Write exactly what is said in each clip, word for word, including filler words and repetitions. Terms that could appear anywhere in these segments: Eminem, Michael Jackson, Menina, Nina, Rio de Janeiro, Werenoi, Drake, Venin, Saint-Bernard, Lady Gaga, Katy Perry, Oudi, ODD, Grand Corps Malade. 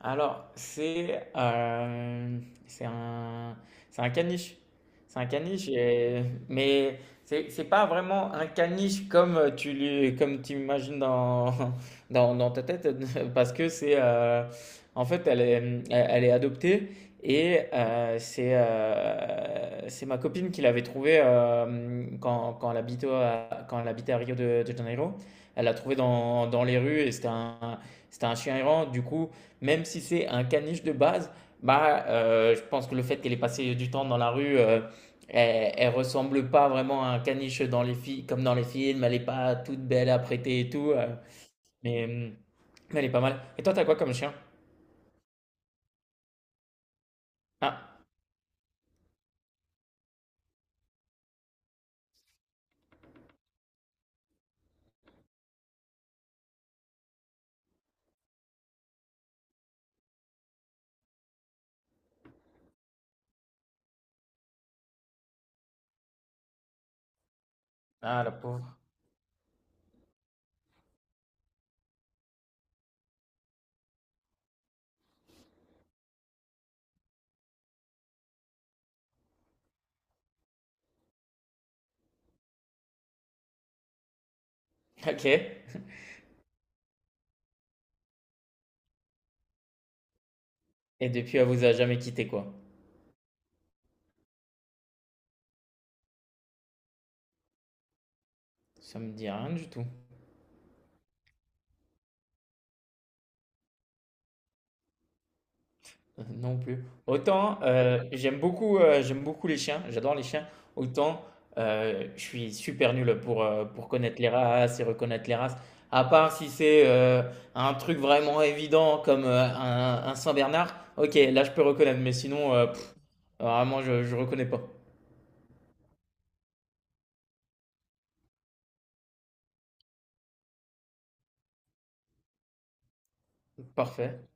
Alors, c'est euh, c'est un, c'est un caniche. C'est un caniche, et- mais c'est c'est pas vraiment un caniche comme tu l'im- comme tu imagines dans, dans, dans ta tête, parce que c'est euh, en fait elle est, elle elle est adoptée et euh, c'est euh, c'est ma copine qui l'avait trouvée euh, quand, quand elle habitait à, quand elle habitait à Rio de, de Janeiro. Elle l'a trouvée dans, dans les rues et c'était un c'était un chien errant. Du coup même si c'est un caniche de base, bah, euh, je pense que le fait qu'elle ait passé du temps dans la rue, euh, elle, elle ressemble pas vraiment à un caniche dans les filles, comme dans les films. Elle est pas toute belle à prêter et tout. euh, mais, hum, mais elle est pas mal. Et toi, t'as quoi comme chien? Ah, ah, la pauvre. Ok. Et depuis, elle vous a jamais quitté, quoi. Ça me dit rien du tout. Non plus. Autant euh, j'aime beaucoup, euh, j'aime beaucoup les chiens, j'adore les chiens, autant euh, je suis super nul pour, euh, pour connaître les races et reconnaître les races. À part si c'est euh, un truc vraiment évident comme euh, un, un Saint-Bernard, ok, là je peux reconnaître, mais sinon, euh, pff, vraiment, je, je reconnais pas. Parfait.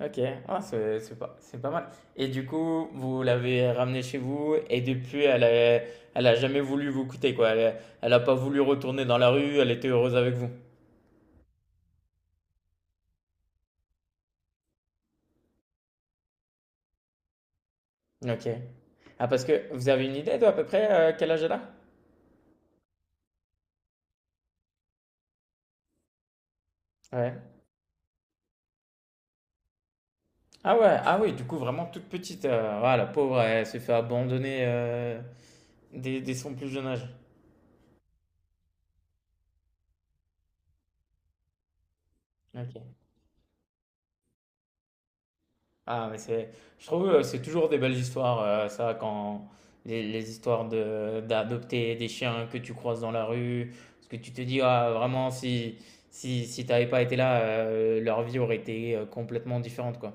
Ok, ah, c'est c'est pas, c'est pas mal. Et du coup, vous l'avez ramenée chez vous et depuis, elle a, elle a jamais voulu vous quitter, quoi. Elle, elle a pas voulu retourner dans la rue, elle était heureuse avec vous. OK. Ah parce que vous avez une idée de à peu près, heu, quel âge elle a? Ouais. Ah ouais, ah oui, du coup vraiment toute petite, heu, ah la pauvre, elle s'est fait abandonner, heu, dès dès son plus jeune âge. OK. Ah mais c'est je trouve, heu, c'est toujours des belles histoires, heu, ça quand les les histoires de d'adopter des chiens que tu croises dans la rue, parce que tu te dis: «Ah vraiment si si si t'avais pas été là, heu, leur vie aurait été, heu, complètement différente quoi».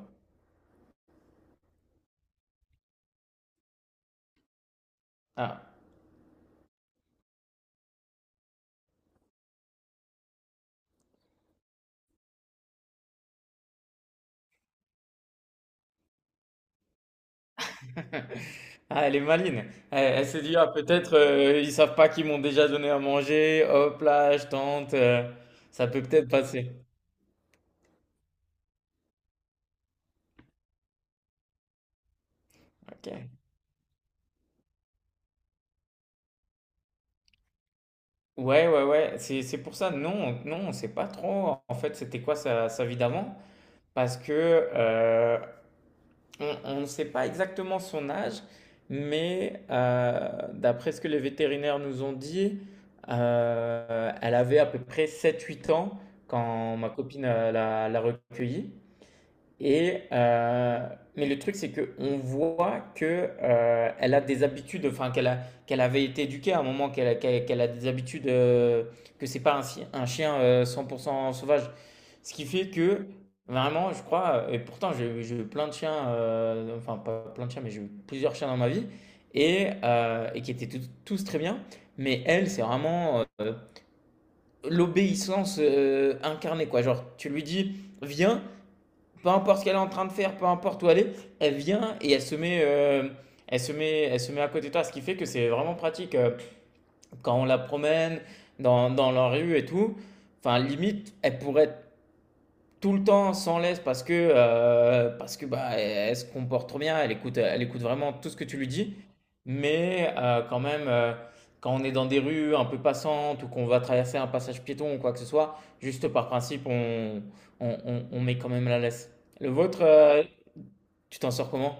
Ah. Ah, elle est maline. Elle, elle s'est dit, ah, peut-être euh, ils savent pas qu'ils m'ont déjà donné à manger. Hop là, je tente. euh, ça peut peut-être passer. Ok. Ouais, ouais, ouais. C'est, c'est pour ça. Non, non, on sait pas trop. En fait, c'était quoi sa, sa vie d'avant? Parce que euh, on on ne sait pas exactement son âge, mais euh, d'après ce que les vétérinaires nous ont dit, euh, elle avait à peu près sept huit ans quand ma copine euh, l'a l'a recueillie. Et euh, mais le truc, c'est qu'on voit que euh, elle a des habitudes, enfin qu'elle a, qu'elle avait été éduquée à un moment, qu'elle a, qu'elle qu'elle a des habitudes, euh, que c'est pas un, chi- un chien euh, cent pour cent sauvage. Ce qui fait que vraiment, je crois, et pourtant j'ai eu j'ai eu plein de chiens, euh, enfin pas plein de chiens, mais j'ai eu plusieurs chiens dans ma vie, et, euh, et qui étaient tous tous très bien. Mais elle, c'est vraiment euh, l'obéissance euh, incarnée, quoi. Genre, tu lui dis, viens peu importe ce qu'elle est en train de faire, peu importe où elle est, elle vient et elle se met, euh, elle se met, elle se met à côté de toi, ce qui fait que c'est vraiment pratique euh, quand on la promène dans, dans la rue et tout. Enfin, limite, elle pourrait être tout le temps sans laisse parce que, euh, parce que bah, elle, elle se comporte trop bien, elle écoute, elle écoute vraiment tout ce que tu lui dis. Mais euh, quand même, euh, quand on est dans des rues un peu passantes ou qu'on va traverser un passage piéton ou quoi que ce soit, juste par principe, on, on, on- on met quand même la laisse. Le vôtre, euh, tu t'en sors comment?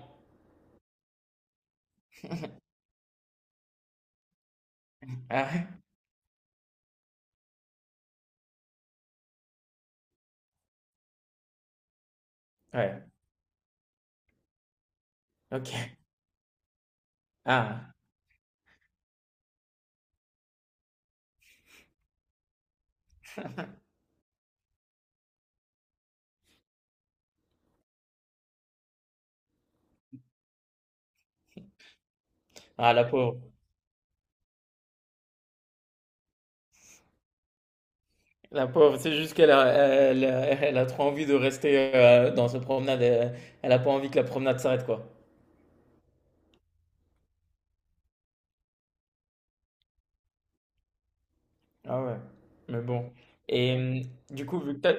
Ah ouais? Ouais. Ok. Ah. Ah, la pauvre. La pauvre, c'est juste qu'elle a, elle, elle a trop envie de rester euh, dans cette promenade. Elle, elle a pas envie que la promenade s'arrête, quoi. Ah ouais. Mais bon. Et euh, du coup, vu que t'as-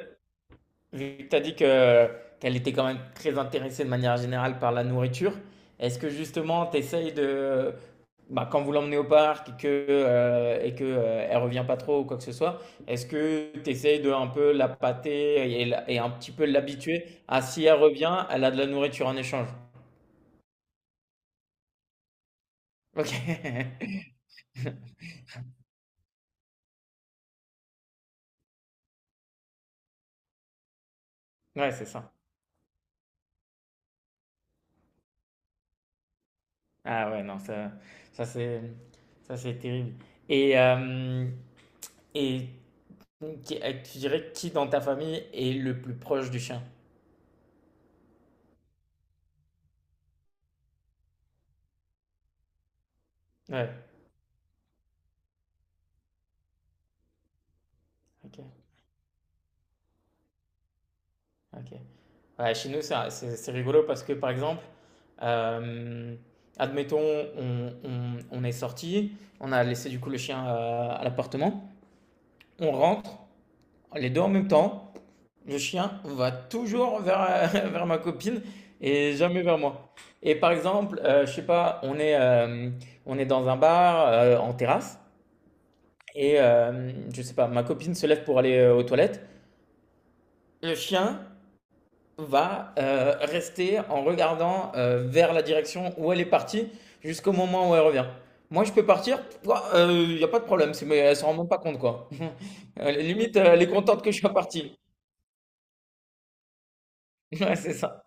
Vu que tu as dit que, qu'elle était quand même très intéressée de manière générale par la nourriture, est-ce que justement tu essayes de, bah, quand vous l'emmenez au parc et que, euh, et que, euh, elle revient pas trop ou quoi que ce soit, est-ce que tu essayes de un peu la pâter et, la- et un petit peu l'habituer à si elle revient, elle a de la nourriture en échange? Ok. Ouais, c'est ça. Ah ouais, non, ça, ça c'est, ça c'est terrible. Et, euh, Et qui- euh, tu dirais qui dans ta famille est le plus proche du chien? Ouais, ok, ok. Ouais, chez nous, ça- c'est c'est rigolo parce que par exemple, euh, admettons, on, on- on est sorti, on a laissé du coup le chien euh, à l'appartement, on rentre, les deux en même temps, le chien va toujours vers, vers ma copine et jamais vers moi. Et par exemple, euh, je sais pas, on est, euh, on est dans un bar euh, en terrasse. Et euh, je sais pas, ma copine se lève pour aller euh, aux toilettes. Le chien va euh, rester en regardant euh, vers la direction où elle est partie jusqu'au moment où elle revient. Moi, je peux partir, il n'y a pas de problème, c'est- mais elle ne s'en rend même pas compte, quoi. Euh, Limite, euh, elle est contente que je sois parti. Ouais, c'est ça.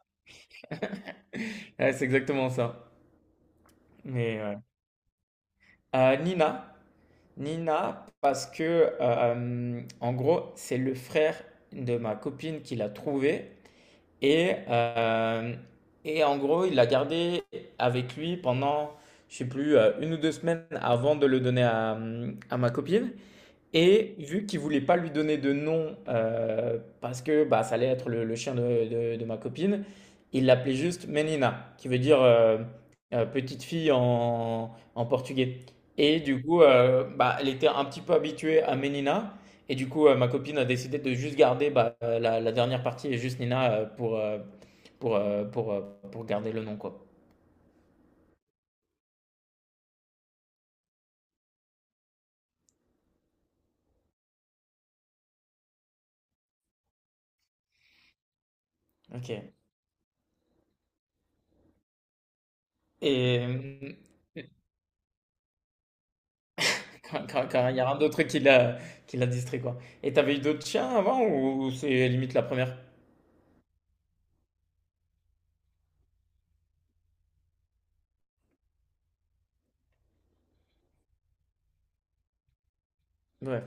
Ouais, c'est exactement ça. Mais ouais. Euh, Nina. Nina, parce que, euh, en gros, c'est le frère de ma copine qui l'a trouvée. Et, euh, et en gros, il l'a gardé avec lui pendant, je sais plus, euh, une ou deux semaines avant de le donner à, à ma copine. Et vu qu'il voulait pas lui donner de nom euh, parce que bah, ça allait être le, le chien de, de- de ma copine, il l'appelait juste Menina, qui veut dire euh, euh, petite fille en, en portugais. Et du coup, euh, bah, elle était un petit peu habituée à Menina. Et du coup, euh, ma copine a décidé de juste garder bah, euh, la, la dernière partie et juste Nina euh, pour, euh, pour, euh, pour, euh, pour garder le nom, quoi. Ok. Et, euh, Quand, quand- quand il y a un d'autre truc qui l'a qui l'a distrait, quoi. Et t'avais eu d'autres chiens avant ou c'est limite la première? Ouais.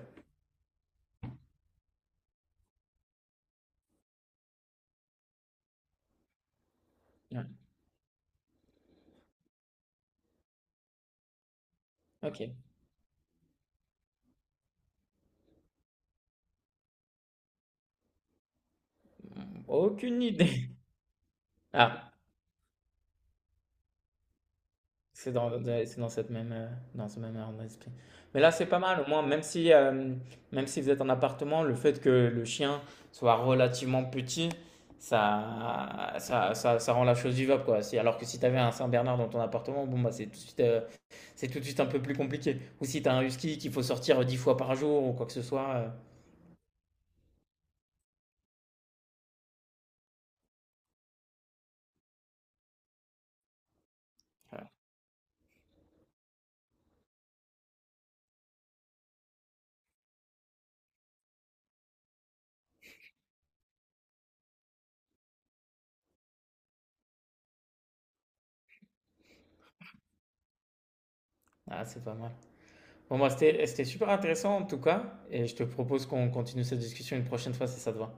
Ouais. Ok. Aucune idée. Ah, c'est dans, de- c'est dans cette même, euh, dans ce même ordre d'esprit. Mais là, c'est pas mal. Au moins, même si, euh, même si vous êtes en appartement, le fait que le chien soit relativement petit, ça, ça, ça, ça rend la chose vivable, quoi. Si- alors que si t'avais un Saint-Bernard dans ton appartement, bon, bah, c'est tout de suite, euh, c'est tout de suite un peu plus compliqué. Ou si tu as un husky qu'il faut sortir euh, dix fois par jour ou quoi que ce soit. euh, voilà. Ah, c'est pas mal. Bon, moi, c'était c'était super intéressant en tout cas. Et je te propose qu'on continue cette discussion une prochaine fois si ça te va.